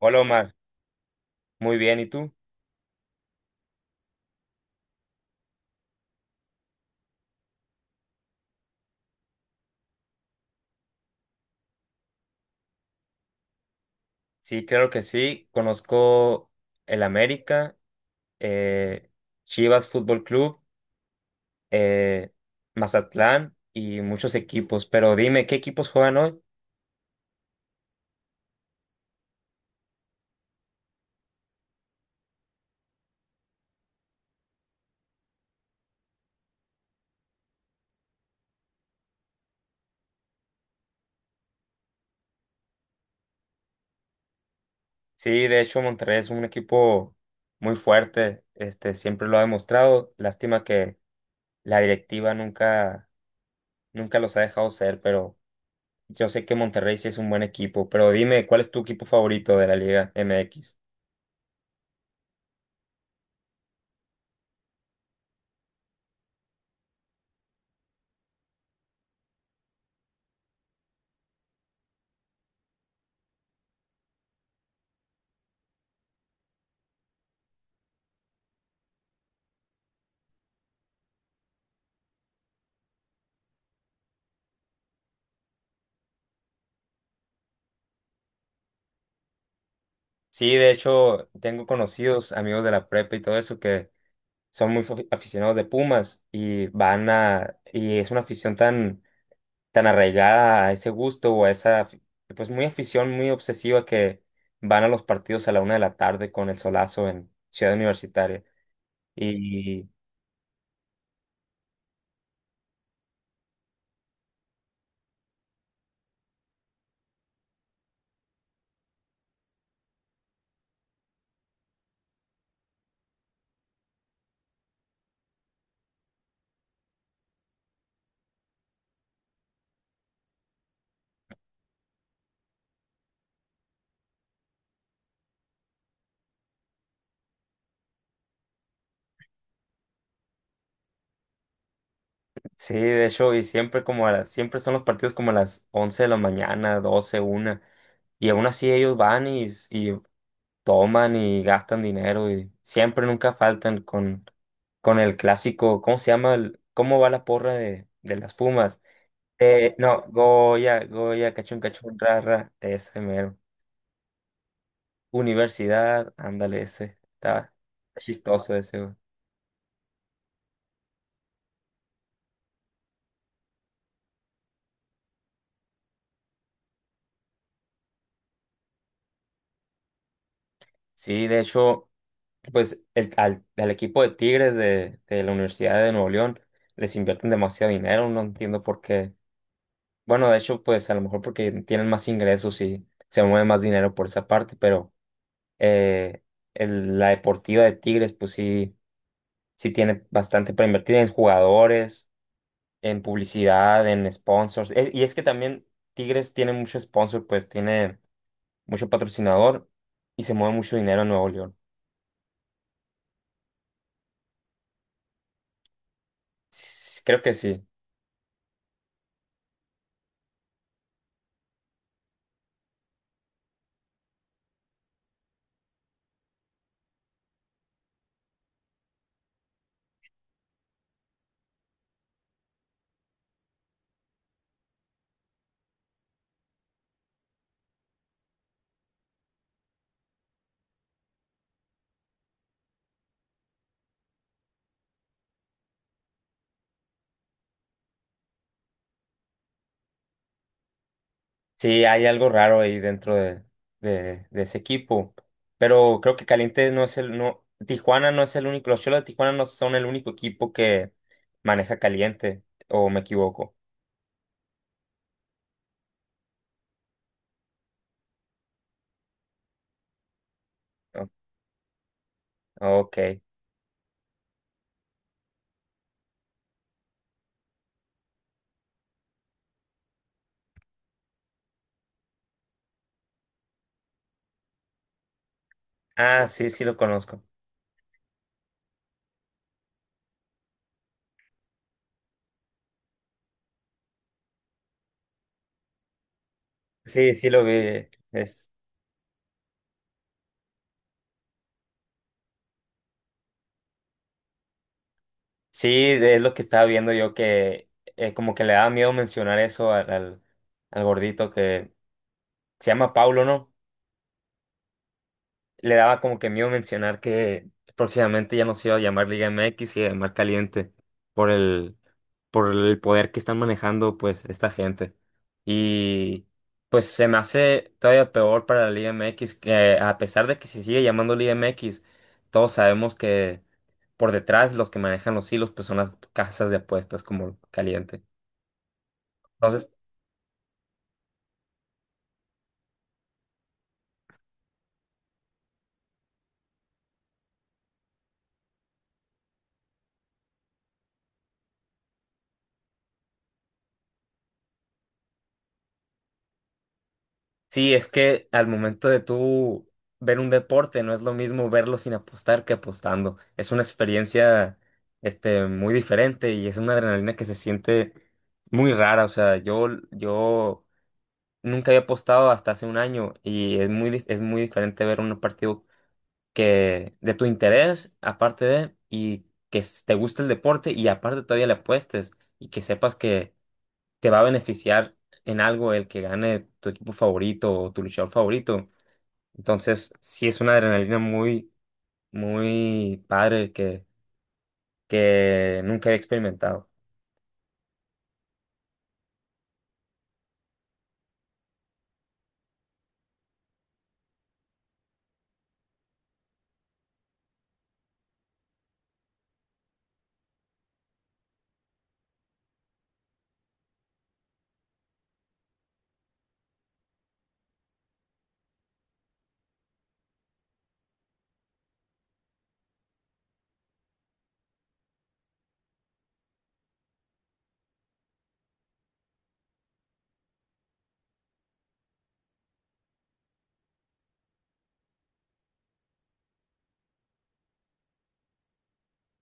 Hola Omar, muy bien, ¿y tú? Sí, claro que sí, conozco el América, eh, Chivas Fútbol Club, eh, Mazatlán y muchos equipos, pero dime, ¿qué equipos juegan hoy? Sí, de hecho Monterrey es un equipo muy fuerte, este, siempre lo ha demostrado, lástima que la directiva nunca los ha dejado ser, pero yo sé que Monterrey sí es un buen equipo, pero dime, ¿cuál es tu equipo favorito de la Liga MX? Sí, de hecho, tengo conocidos, amigos de la prepa y todo eso que son muy aficionados de Pumas y y es una afición tan arraigada a ese gusto o a pues muy afición, muy obsesiva que van a los partidos a la una de la tarde con el solazo en Ciudad Universitaria. Y sí, de hecho, y siempre como a siempre son los partidos como a las 11 de la mañana, doce, una. Y aún así toman y gastan dinero y siempre nunca faltan con el clásico, ¿cómo se llama? ¿Cómo va la porra de las Pumas? No, Goya, Goya, cachón, cachón, rara, ese mero. Universidad, ándale, ese, está chistoso ese, güey. Sí, de hecho, pues al equipo de Tigres de la Universidad de Nuevo León les invierten demasiado dinero, no entiendo por qué. Bueno, de hecho, pues a lo mejor porque tienen más ingresos y se mueve más dinero por esa parte, pero Eh, la deportiva de Tigres, pues sí tiene bastante para invertir en jugadores, en publicidad, en sponsors. Y es que también Tigres tiene mucho sponsor, pues tiene mucho patrocinador y se mueve mucho dinero en Nuevo León. Creo que sí. Sí, hay algo raro ahí dentro de ese equipo. Pero creo que Caliente no es no, Tijuana no es el único, los Cholos de Tijuana no son el único equipo que maneja Caliente, o me equivoco. O- Ok. Ah, sí, sí lo conozco. Sí, sí lo vi. Es, sí, es lo que estaba viendo yo que como que le daba miedo mencionar eso al gordito que se llama Paulo, ¿no? Le daba como que miedo mencionar que próximamente ya no se iba a llamar Liga MX y a llamar Caliente por el, por el poder que están manejando pues esta gente. Y pues se me hace todavía peor para la Liga MX que a pesar de que se sigue llamando Liga MX, todos sabemos que por detrás los que manejan los hilos pues son las casas de apuestas como Caliente. Entonces sí, es que al momento de tú ver un deporte, no es lo mismo verlo sin apostar que apostando. Es una experiencia, este, muy diferente y es una adrenalina que se siente muy rara. O sea, yo nunca había apostado hasta hace 1 año y es es muy diferente ver un partido que de tu interés, y que te guste el deporte y aparte todavía le apuestes y que sepas que te va a beneficiar en algo el que gane tu equipo favorito o tu luchador favorito. Entonces, sí es una adrenalina muy padre que nunca había experimentado.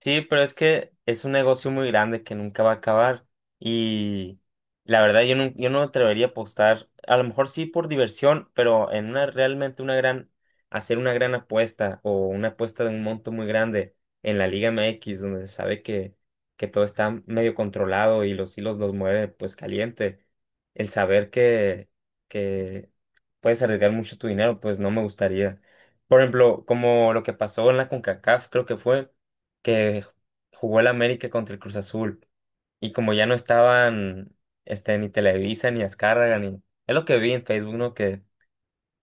Sí, pero es que es un negocio muy grande que nunca va a acabar y la verdad yo no me atrevería a apostar, a lo mejor sí por diversión, pero en una realmente una gran, hacer una gran apuesta o una apuesta de un monto muy grande en la Liga MX donde se sabe que todo está medio controlado y los hilos los mueve pues caliente, el saber que puedes arriesgar mucho tu dinero pues no me gustaría. Por ejemplo, como lo que pasó en la CONCACAF creo que fue que jugó el América contra el Cruz Azul. Y como ya no estaban este, ni Televisa, ni Azcárraga, ni... Es lo que vi en Facebook, ¿no?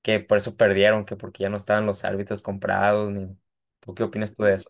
Que por eso perdieron, que porque ya no estaban los árbitros comprados, ni... ¿Tú qué opinas tú de eso?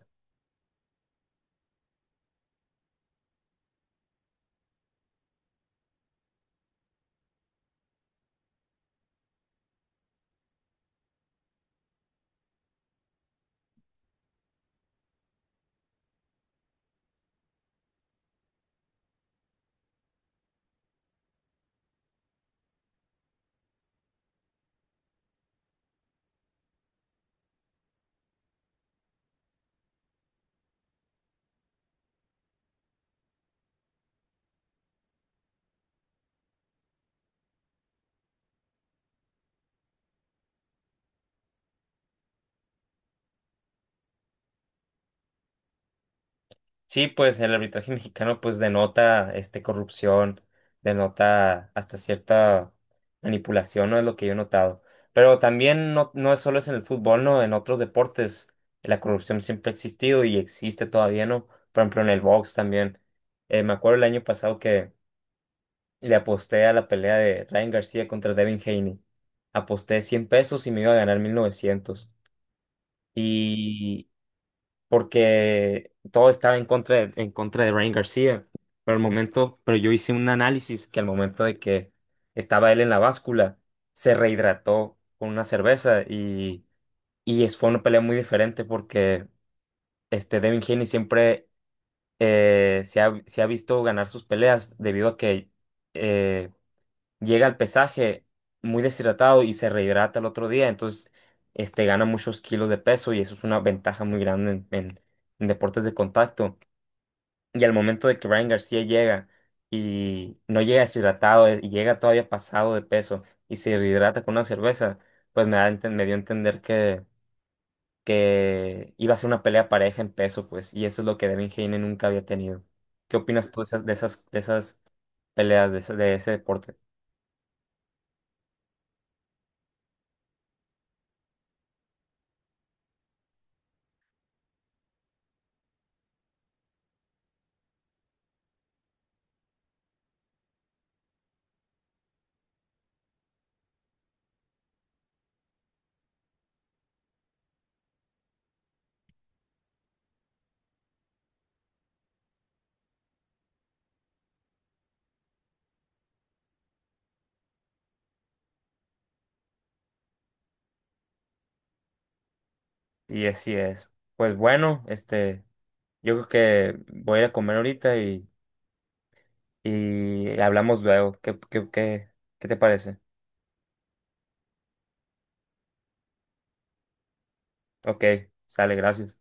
Sí, pues el arbitraje mexicano pues denota este corrupción, denota hasta cierta manipulación, ¿no? Es lo que yo he notado. Pero también no es solo es en el fútbol, ¿no? En otros deportes la corrupción siempre ha existido y existe todavía, ¿no? Por ejemplo, en el box también. Me acuerdo el año pasado que le aposté a la pelea de Ryan García contra Devin Haney. Aposté 100 pesos y me iba a ganar 1900 porque todo estaba en contra en contra de Ryan García. Pero yo hice un análisis que al momento de que estaba él en la báscula, se rehidrató con una cerveza y fue una pelea muy diferente porque este Devin Haney siempre se ha visto ganar sus peleas debido a que eh, llega al pesaje muy deshidratado y se rehidrata el otro día, entonces este, gana muchos kilos de peso y eso es una ventaja muy grande en deportes de contacto. Y al momento de que Ryan García llega y no llega deshidratado, y llega todavía pasado de peso y se rehidrata con una cerveza, pues me dio a entender que iba a ser una pelea pareja en peso, pues, y eso es lo que Devin Haney nunca había tenido. ¿Qué opinas tú de de esas peleas, de ese deporte? Y así es. Pues bueno, este, yo creo que voy a ir a comer ahorita y hablamos luego. ¿Qué, qué te parece? Ok, sale, gracias.